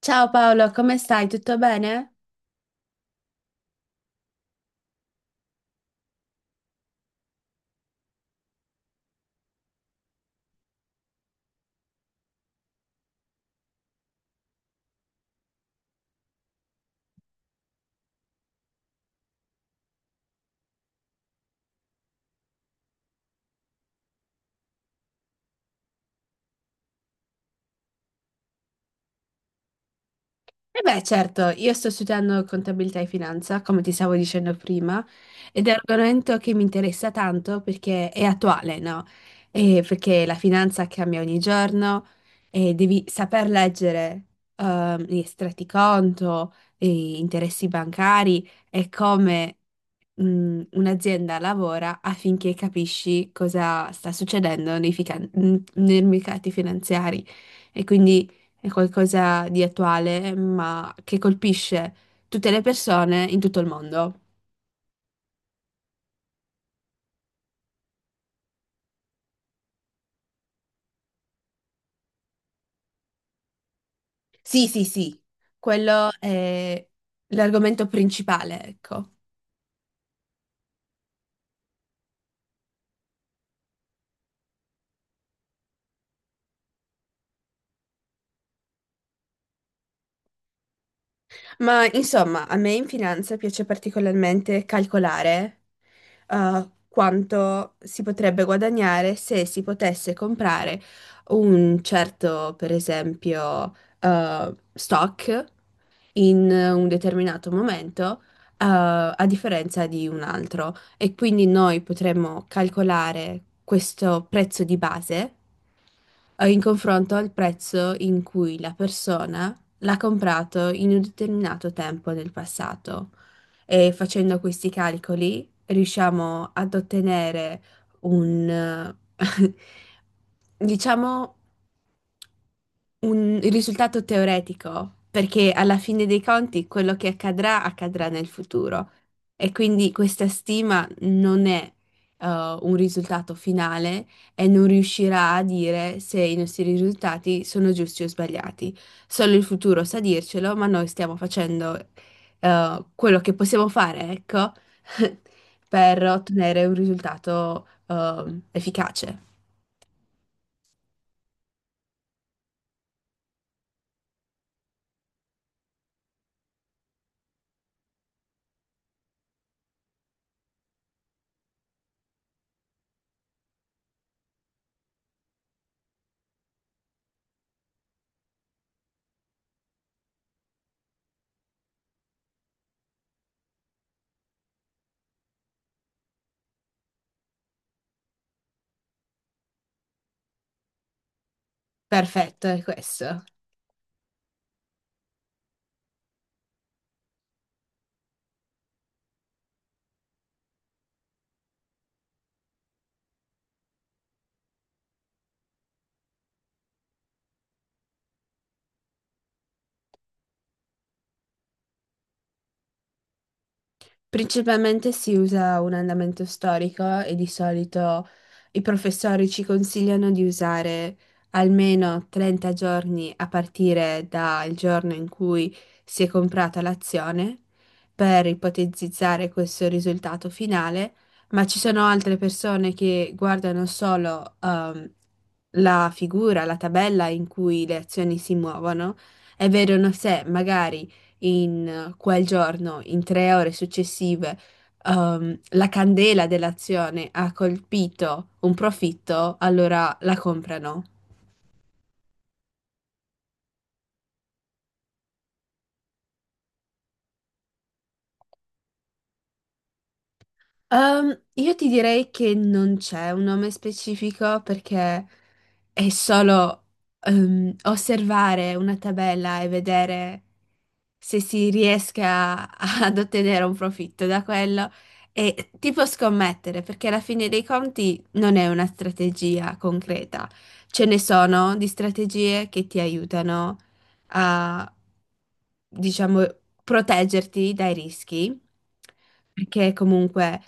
Ciao Paolo, come stai? Tutto bene? E beh, certo, io sto studiando contabilità e finanza, come ti stavo dicendo prima, ed è un argomento che mi interessa tanto perché è attuale, no? E perché la finanza cambia ogni giorno e devi saper leggere gli estratti conto, gli interessi bancari e come un'azienda lavora affinché capisci cosa sta succedendo nei mercati finanziari e quindi è qualcosa di attuale, ma che colpisce tutte le persone in tutto il mondo. Sì, sì, sì, quello è l'argomento principale, ecco. Ma insomma, a me in finanza piace particolarmente calcolare quanto si potrebbe guadagnare se si potesse comprare un certo, per esempio, stock in un determinato momento, a differenza di un altro. E quindi noi potremmo calcolare questo prezzo di base in confronto al prezzo in cui la persona l'ha comprato in un determinato tempo nel passato. E facendo questi calcoli riusciamo ad ottenere un diciamo, un risultato teoretico, perché alla fine dei conti quello che accadrà accadrà nel futuro e quindi questa stima non è eh, un risultato finale e non riuscirà a dire se i nostri risultati sono giusti o sbagliati. Solo il futuro sa dircelo, ma noi stiamo facendo quello che possiamo fare, ecco, per ottenere un risultato efficace. Perfetto, è questo. Principalmente si usa un andamento storico e di solito i professori ci consigliano di usare almeno 30 giorni a partire dal giorno in cui si è comprata l'azione per ipotizzare questo risultato finale, ma ci sono altre persone che guardano solo la figura, la tabella in cui le azioni si muovono e vedono se magari in quel giorno, in tre ore successive, la candela dell'azione ha colpito un profitto, allora la comprano. Io ti direi che non c'è un nome specifico perché è solo osservare una tabella e vedere se si riesca a- ad ottenere un profitto da quello e tipo scommettere, perché alla fine dei conti non è una strategia concreta. Ce ne sono di strategie che ti aiutano a, diciamo, proteggerti dai rischi perché comunque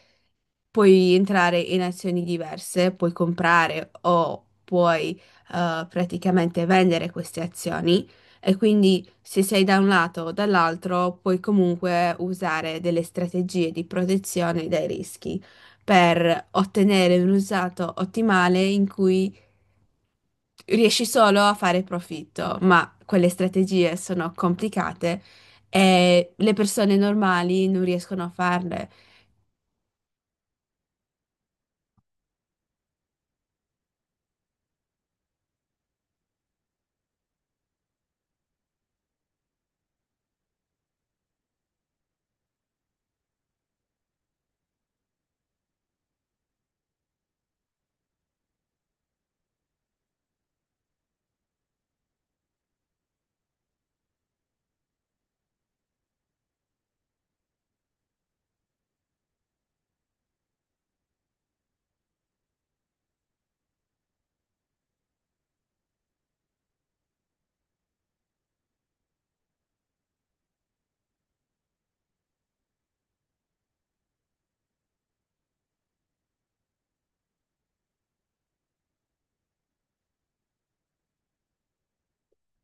puoi entrare in azioni diverse, puoi comprare o puoi praticamente vendere queste azioni e quindi se sei da un lato o dall'altro puoi comunque usare delle strategie di protezione dai rischi per ottenere un risultato ottimale in cui riesci solo a fare profitto, ma quelle strategie sono complicate e le persone normali non riescono a farle.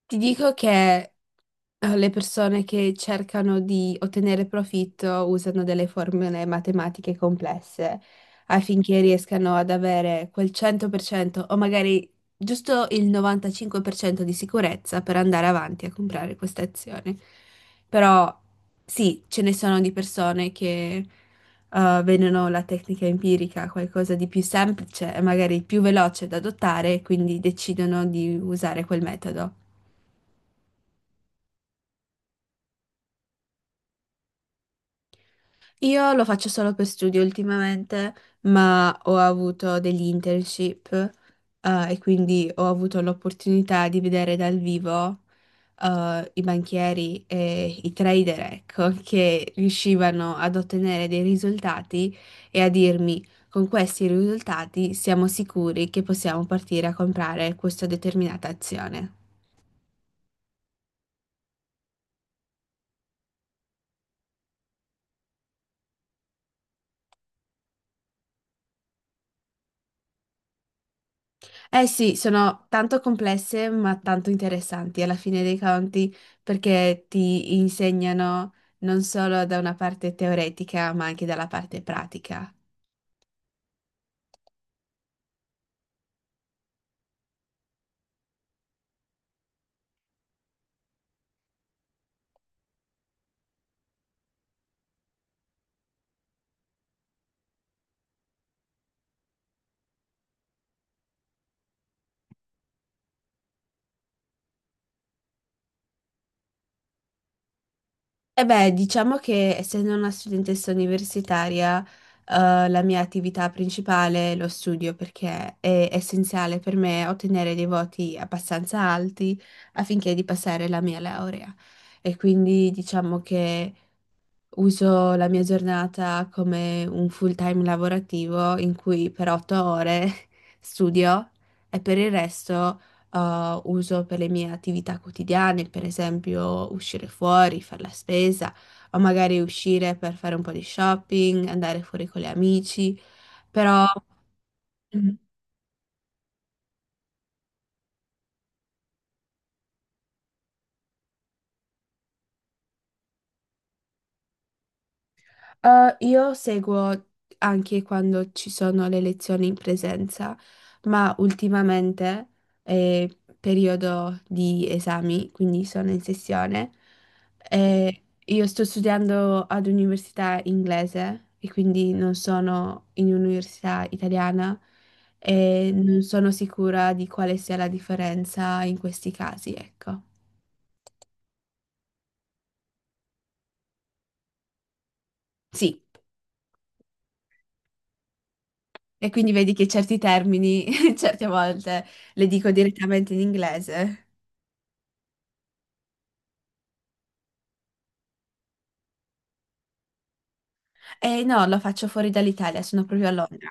Ti dico che le persone che cercano di ottenere profitto usano delle formule matematiche complesse affinché riescano ad avere quel 100% o magari giusto il 95% di sicurezza per andare avanti a comprare queste azioni. Però sì, ce ne sono di persone che vedono la tecnica empirica qualcosa di più semplice e magari più veloce da adottare, quindi decidono di usare quel metodo. Io lo faccio solo per studio ultimamente, ma ho avuto degli internship, e quindi ho avuto l'opportunità di vedere dal vivo, i banchieri e i trader, ecco, che riuscivano ad ottenere dei risultati e a dirmi, con questi risultati siamo sicuri che possiamo partire a comprare questa determinata azione. Eh sì, sono tanto complesse ma tanto interessanti alla fine dei conti perché ti insegnano non solo da una parte teoretica ma anche dalla parte pratica. E beh, diciamo che essendo una studentessa universitaria, la mia attività principale è lo studio perché è essenziale per me ottenere dei voti abbastanza alti affinché di passare la mia laurea. E quindi diciamo che uso la mia giornata come un full-time lavorativo in cui per 8 ore studio e per il resto uso per le mie attività quotidiane, per esempio uscire fuori, fare la spesa o magari uscire per fare un po' di shopping, andare fuori con gli amici, però... Io seguo anche quando ci sono le lezioni in presenza, ma ultimamente è periodo di esami, quindi sono in sessione. E io sto studiando ad università inglese e quindi non sono in un'università italiana e non sono sicura di quale sia la differenza in questi casi, ecco. Sì. E quindi vedi che certi termini, certe volte, le dico direttamente in inglese. E no, lo faccio fuori dall'Italia, sono proprio a Londra.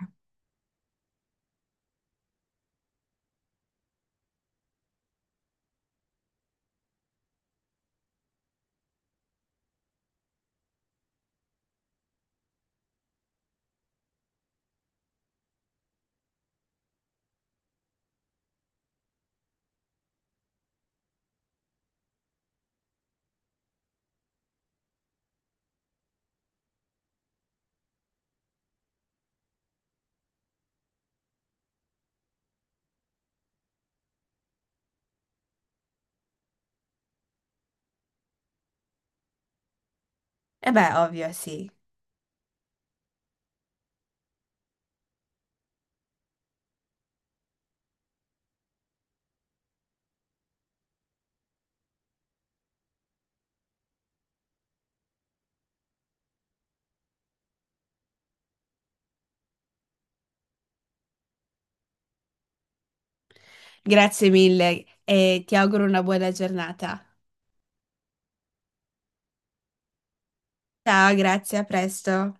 E beh, ovvio, sì. Grazie mille e ti auguro una buona giornata. Ciao, grazie, a presto.